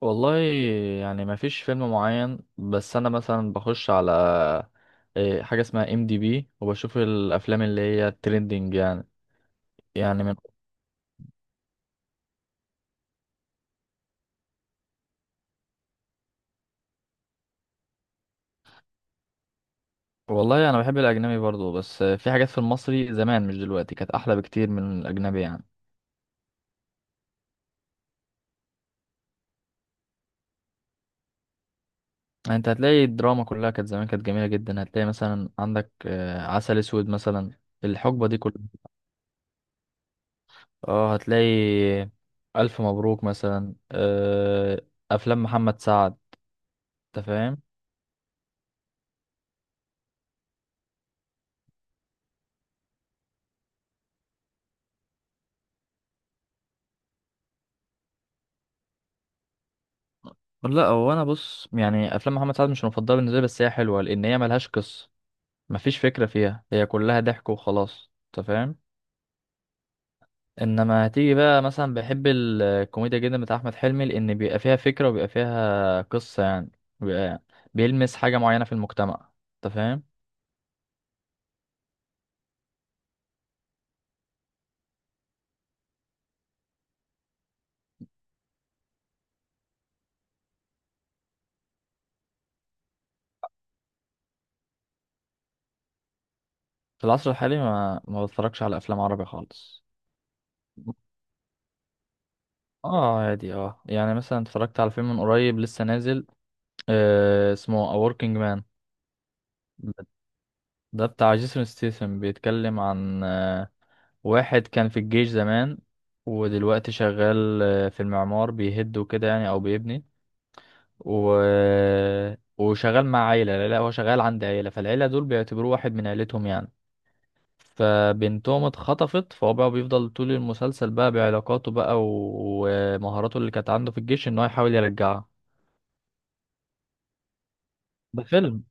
والله، يعني ما فيش فيلم معين، بس انا مثلا بخش على حاجه اسمها ام دي بي وبشوف الافلام اللي هي الترندنج يعني. يعني من والله انا بحب الاجنبي برضو، بس في حاجات في المصري زمان، مش دلوقتي، كانت احلى بكتير من الاجنبي يعني. يعني انت هتلاقي الدراما كلها كانت زمان، كانت جميله جدا. هتلاقي مثلا عندك عسل اسود مثلا، الحقبه دي كلها. اه هتلاقي الف مبروك مثلا، افلام محمد سعد. انت فاهم؟ لا هو انا بص، يعني افلام محمد سعد مش المفضله بالنسبه لي، بس هي حلوه لان هي ملهاش قصه، مفيش فكره فيها، هي كلها ضحك وخلاص. انت فاهم؟ انما هتيجي بقى مثلا بحب الكوميديا جدا بتاع احمد حلمي لان بيبقى فيها فكره وبيبقى فيها قصه يعني، بيبقى بيلمس حاجه معينه في المجتمع. انت فاهم؟ في العصر الحالي ما بتفرجش على افلام عربي خالص. اه عادي، اه يعني مثلا اتفرجت على فيلم من قريب لسه نازل، آه اسمه A Working Man. ده بتاع جيسون ستيسن، بيتكلم عن واحد كان في الجيش زمان، ودلوقتي شغال في المعمار بيهد وكده يعني، او بيبني، و... وشغال مع عيلة، لا لا، هو شغال عند عيلة، فالعيلة دول بيعتبروه واحد من عيلتهم يعني. فبنتهم اتخطفت، فهو بقى بيفضل طول المسلسل بقى بعلاقاته بقى ومهاراته اللي كانت عنده في الجيش ان هو يحاول يرجعها. ده فيلم.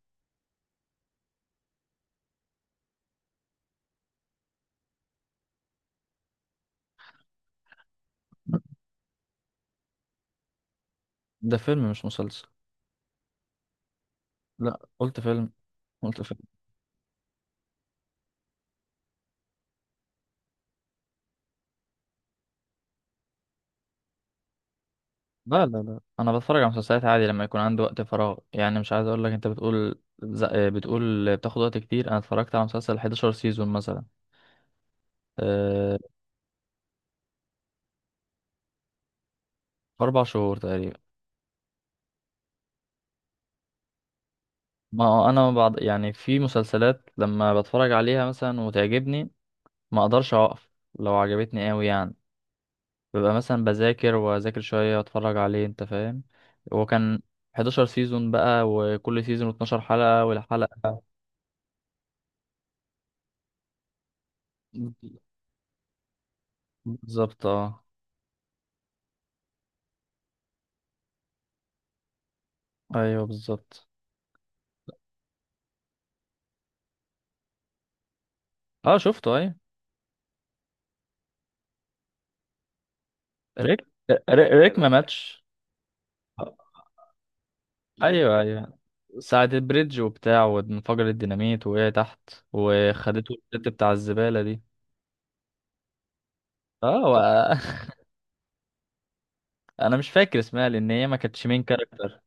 ده فيلم مش مسلسل. لا قلت فيلم. قلت فيلم. لا لا لا، انا بتفرج على مسلسلات عادي لما يكون عندي وقت فراغ يعني. مش عايز اقول لك، انت بتقول بتقول بتاخد وقت كتير، انا اتفرجت على مسلسل 11 سيزون مثلا. أه... في 4 شهور تقريبا. ما هو انا بعض يعني في مسلسلات لما بتفرج عليها مثلا وتعجبني، ما اقدرش اوقف، لو عجبتني قوي يعني ببقى مثلا بذاكر واذاكر شويه واتفرج عليه. انت فاهم؟ وكان 11 سيزون بقى، وكل سيزون 12 حلقه، والحلقه بالظبط اه. ايوه بالظبط. اه شفته ايوه. ريك ريك ريك ما ماتش. ايوه لا ايوه. ساعة البريدج وبتاع، وانفجر الديناميت، وقع تحت وخدته الست بتاع الزبالة دي. اه، انا مش فاكر اسمها لان هي ما كانتش مين كاركتر.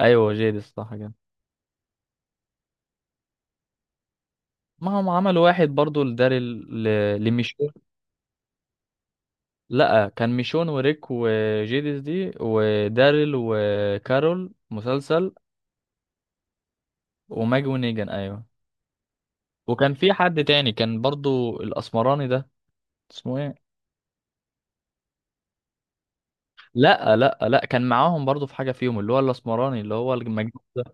ايوه جيدس صح كده. ما هم عملوا واحد برضو لميشون. لا كان ميشون وريك وجيدس دي وداريل وكارول مسلسل. وماجي ونيجان ايوه. وكان في حد تاني كان برضو الاسمراني ده، اسمه ايه؟ لا لا لا، كان معاهم برضو في حاجة فيهم، اللي هو الأسمراني اللي هو المجنون ده.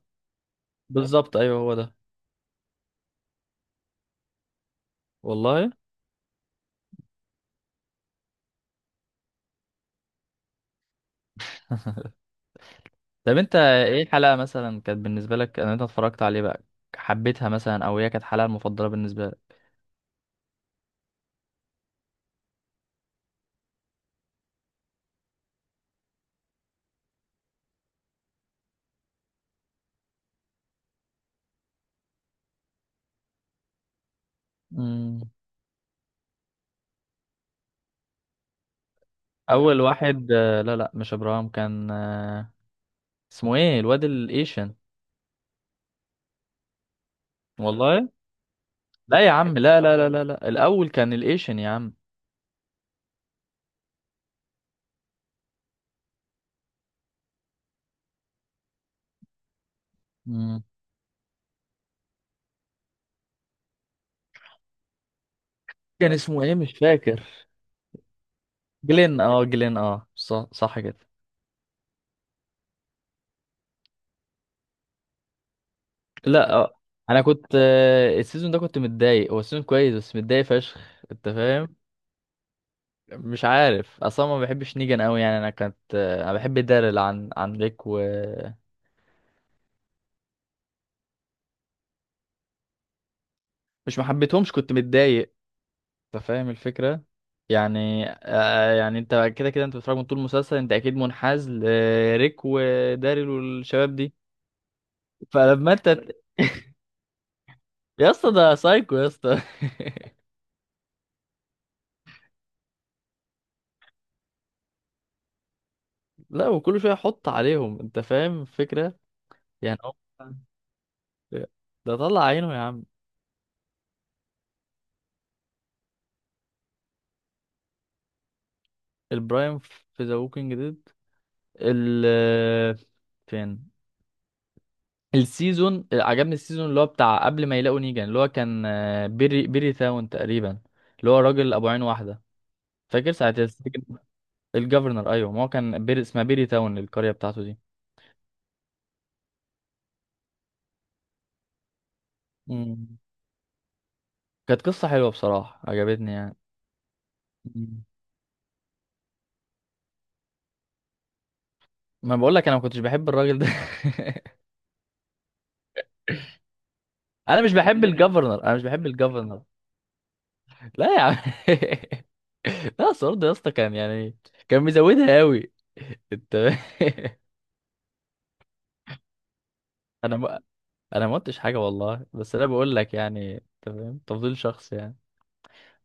بالظبط أيوه هو ده. والله. طب أنت إيه الحلقة مثلا كانت بالنسبة لك؟ أنا أنت اتفرجت عليه بقى، حبيتها مثلا، أو هي كانت الحلقة المفضلة بالنسبة لك؟ مم. أول واحد لا لا مش إبراهيم، كان اسمه إيه الواد الإيشن. والله. لا يا عم لا لا لا لا لا، الأول كان الإيشن يا عم. مم. كان اسمه إيه مش فاكر. جلين أه، جلين أه صح صح كده. لا، انا كنت السيزون ده كنت متضايق، هو السيزون كويس بس متضايق فشخ. انت فاهم؟ مش عارف، اصلا ما بحبش نيجان قوي يعني. انا كنت انا بحب دارل عن ليك و- مش ما حبيتهمش، كنت متضايق. انت فاهم الفكره؟ يعني آه يعني انت كده كده انت بتتفرج من طول المسلسل، انت اكيد منحاز لريك وداريل والشباب دي. فلما انت يا اسطى ده سايكو يا اسطى. لا، وكل شويه حط عليهم. انت فاهم الفكره؟ يعني هو ده، طلع عينه يا عم. البرايم في ذا ووكينج ديد، ال فين السيزون عجبني، السيزون اللي هو بتاع قبل ما يلاقوا نيجان، اللي هو كان بيري تاون تقريبا، اللي هو راجل ابو عين واحده. فاكر ساعه السجن؟ الجفرنر. ايوه، ما هو كان بيري اسمها بيري تاون القريه بتاعته دي. مم. كانت قصه حلوه بصراحه، عجبتني يعني. مم. ما بقول لك، انا ما كنتش بحب الراجل ده. انا مش بحب الجفرنر، انا مش بحب الجفرنر. لا يا عم. لا سورد يا اسطى كان يعني كان مزودها قوي. انت انا ما انا ما قلتش حاجه والله، بس انا بقول لك يعني انت فاهم، تفضيل شخص يعني.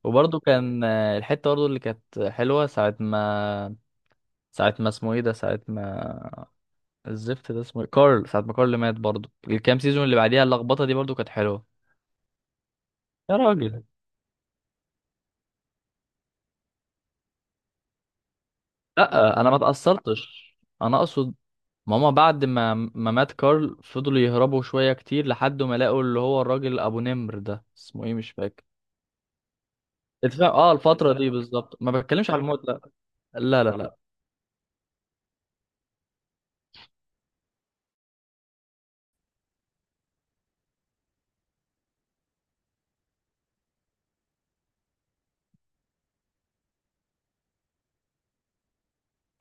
وبرضه كان الحته برضه اللي كانت حلوه ساعه ما اسمه ايه ده، ساعه ما الزفت ده اسمه إيه؟ كارل، ساعه ما كارل مات، برضه الكام سيزون اللي بعديها اللخبطه دي برضه كانت حلوه. يا راجل لا انا ما اتاثرتش. انا اقصد ماما بعد ما مات كارل، فضلوا يهربوا شوية كتير لحد ما لقوا اللي هو الراجل أبو نمر ده اسمه إيه مش فاكر. اتفاق اه، الفترة دي بالظبط، ما بتكلمش على الموت لا. لا لا لا،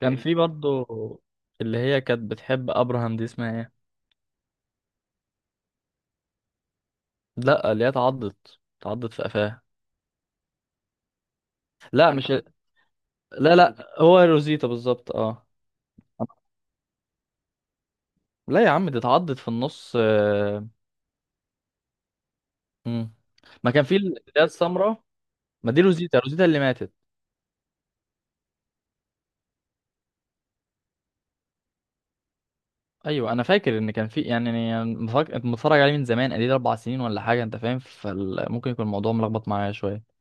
كان في برضه اللي هي كانت بتحب أبراهام دي اسمها ايه. لا اللي هي اتعضت، اتعضت في قفاها. لا مش، لا لا، هو روزيتا بالظبط اه. لا يا عم، دي اتعضت في النص مم. ما كان في اللي هي السمراء. ما دي روزيتا، روزيتا اللي ماتت. ايوه، انا فاكر ان كان في يعني متفرج عليه من زمان قليل، 4 سنين ولا حاجه. انت فاهم؟ فممكن يكون الموضوع ملخبط معايا شويه.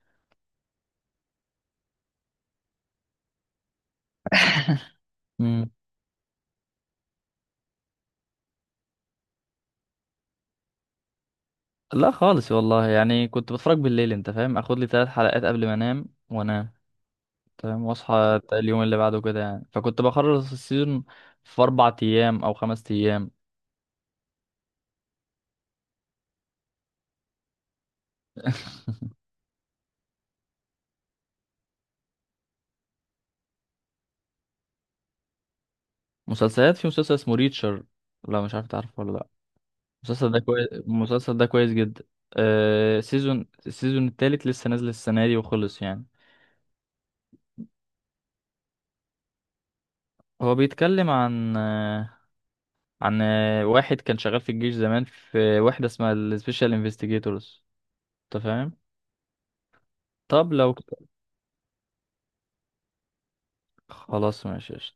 امم لا خالص والله، يعني كنت بتفرج بالليل. انت فاهم؟ اخد لي 3 حلقات قبل ما انام، وانام تمام، واصحى اليوم اللي بعده كده يعني. فكنت بخلص السيزون في 4 ايام او 5 ايام. مسلسلات، في مسلسل اسمه ريتشر، لا مش عارف تعرفه ولا لا. المسلسل ده كويس، المسلسل ده كويس جدا. آه سيزون، السيزون التالت لسه نازل السنه دي وخلص يعني. هو بيتكلم عن عن واحد كان شغال في الجيش زمان في وحدة اسمها السبيشال انفستيجيتورز. انت فاهم؟ طب لو، خلاص ماشي.